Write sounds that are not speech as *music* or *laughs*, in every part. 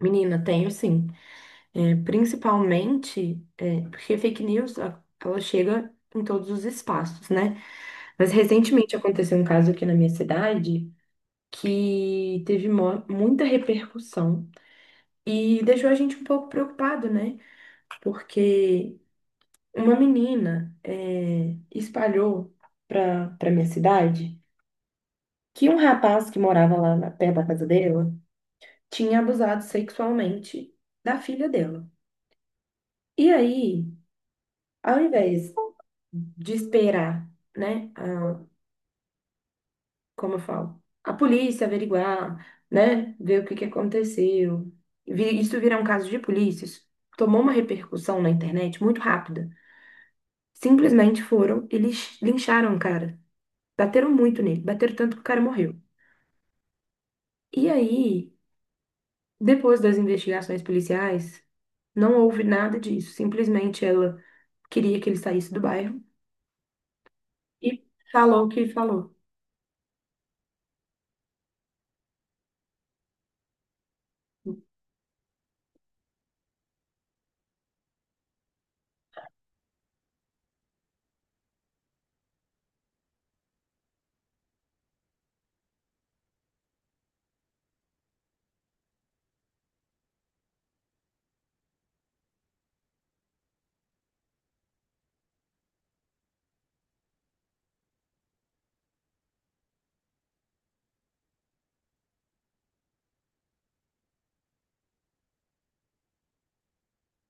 Menina, tenho sim. Principalmente porque fake news, ela chega em todos os espaços, né? Mas recentemente aconteceu um caso aqui na minha cidade que teve muita repercussão e deixou a gente um pouco preocupado, né? Porque uma menina espalhou para minha cidade que um rapaz que morava lá na, perto da casa dela tinha abusado sexualmente da filha dela. E aí, ao invés de esperar, né, a- como eu falo, a polícia averiguar, né, ver o que que aconteceu. Isso virar um caso de polícia, isso tomou uma repercussão na internet muito rápida. Simplesmente foram e lincharam o cara. Bateram muito nele, bateram tanto que o cara morreu. E aí, depois das investigações policiais, não houve nada disso. Simplesmente ela queria que ele saísse do bairro e falou o que falou.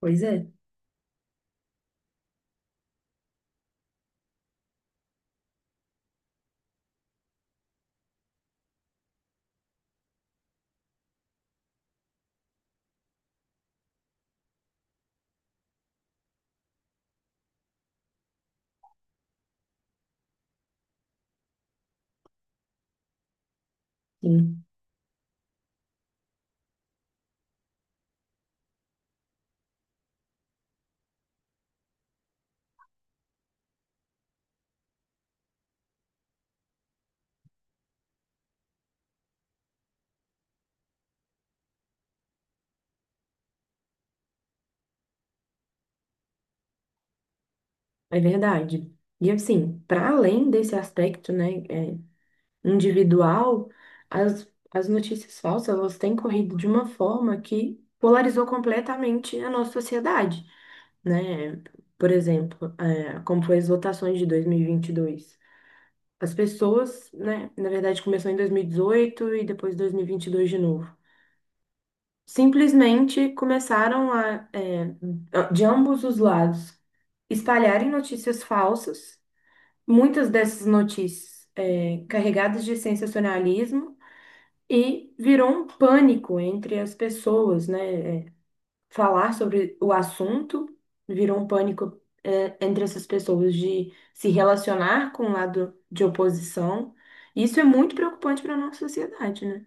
Pois é. Sim. É verdade. E assim, para além desse aspecto, individual, as notícias falsas, elas têm corrido de uma forma que polarizou completamente a nossa sociedade, né? Por exemplo, como foi as votações de dois mil e vinte e dois. As pessoas, né, na verdade começou em 2018 e depois dois mil e vinte e dois de novo. Simplesmente começaram de ambos os lados, espalharem notícias falsas, muitas dessas notícias carregadas de sensacionalismo e virou um pânico entre as pessoas, né? Falar sobre o assunto virou um pânico entre essas pessoas de se relacionar com o lado de oposição. Isso é muito preocupante para a nossa sociedade, né?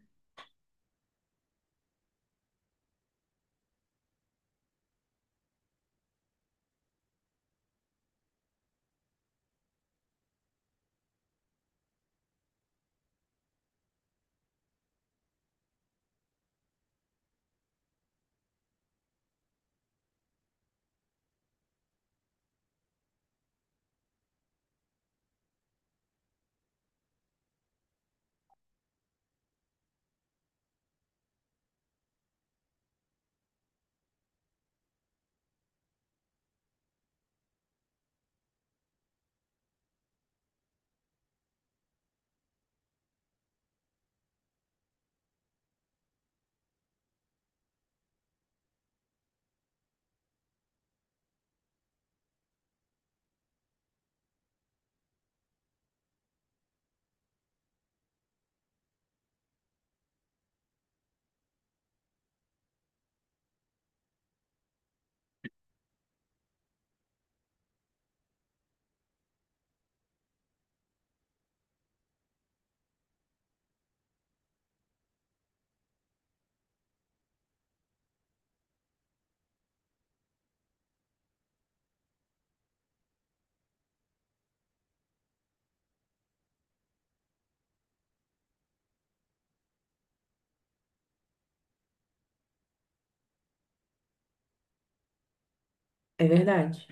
É verdade.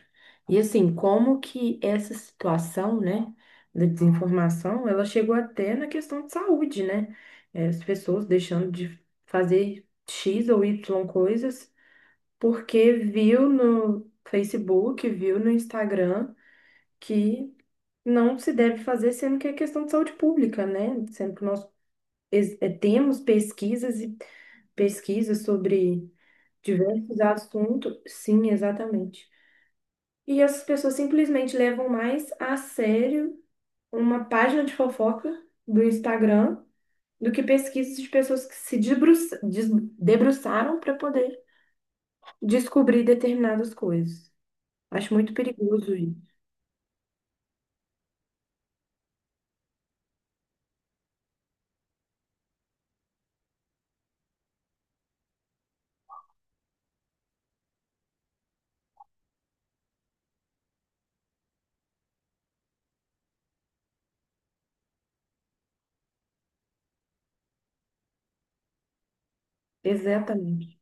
E assim, como que essa situação, né, da desinformação, ela chegou até na questão de saúde, né? As pessoas deixando de fazer X ou Y coisas porque viu no Facebook, viu no Instagram que não se deve fazer, sendo que é questão de saúde pública, né? Sendo que nós temos pesquisas e pesquisas sobre diversos assuntos. Sim, exatamente. E as pessoas simplesmente levam mais a sério uma página de fofoca do Instagram do que pesquisas de pessoas que se debruça- des- debruçaram para poder descobrir determinadas coisas. Acho muito perigoso isso. Exatamente,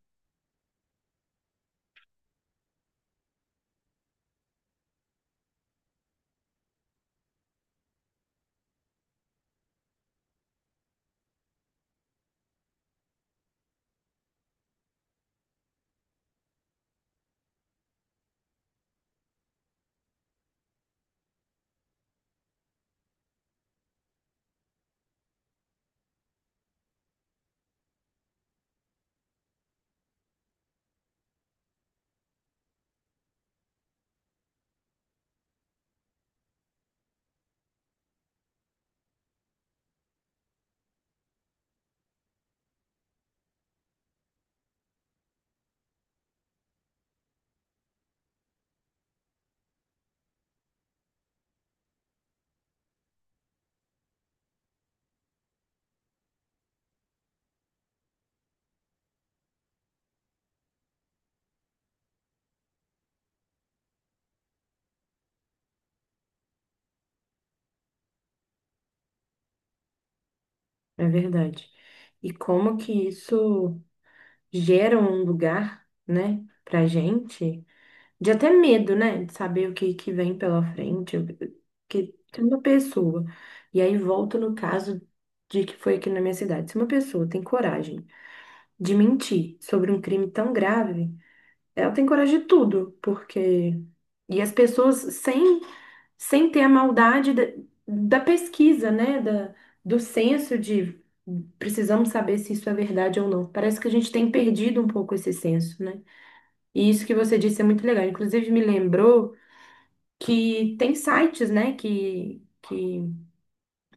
é verdade. E como que isso gera um lugar, né, para gente? De até medo, né? De saber o que, que vem pela frente, o que se uma pessoa. E aí volta no caso de que foi aqui na minha cidade. Se uma pessoa tem coragem de mentir sobre um crime tão grave, ela tem coragem de tudo, porque. E as pessoas sem ter a maldade da pesquisa, né? Do senso de precisamos saber se isso é verdade ou não. Parece que a gente tem perdido um pouco esse senso, né? E isso que você disse é muito legal. Inclusive, me lembrou que tem sites, né, que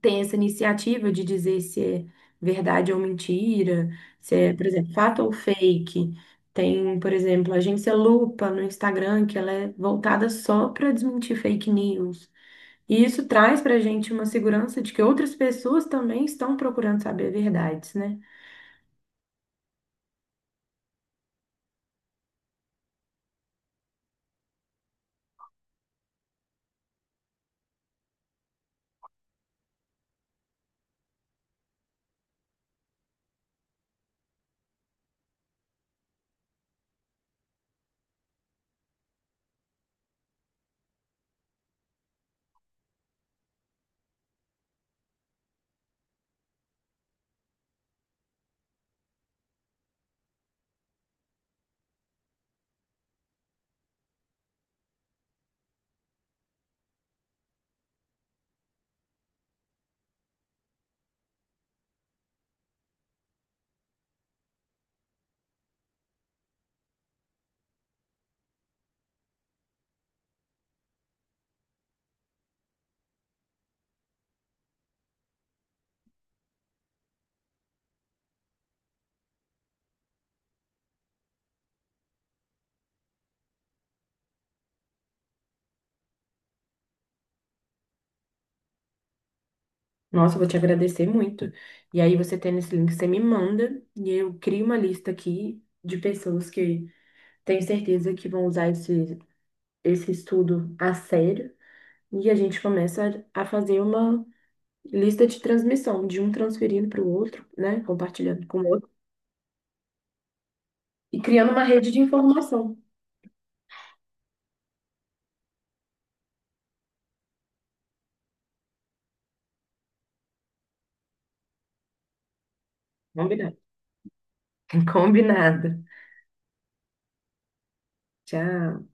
tem essa iniciativa de dizer se é verdade ou mentira, se é, por exemplo, fato ou fake. Tem, por exemplo, a agência Lupa no Instagram, que ela é voltada só para desmentir fake news. E isso traz para a gente uma segurança de que outras pessoas também estão procurando saber verdades, né? Nossa, eu vou te agradecer muito. E aí, você tendo esse link, você me manda e eu crio uma lista aqui de pessoas que, tenho certeza, que vão usar esse estudo a sério, e a gente começa a fazer uma lista de transmissão, de um transferindo para o outro, né? Compartilhando com o outro e criando uma rede de informação. Combinado. *laughs* Combinado. Tchau.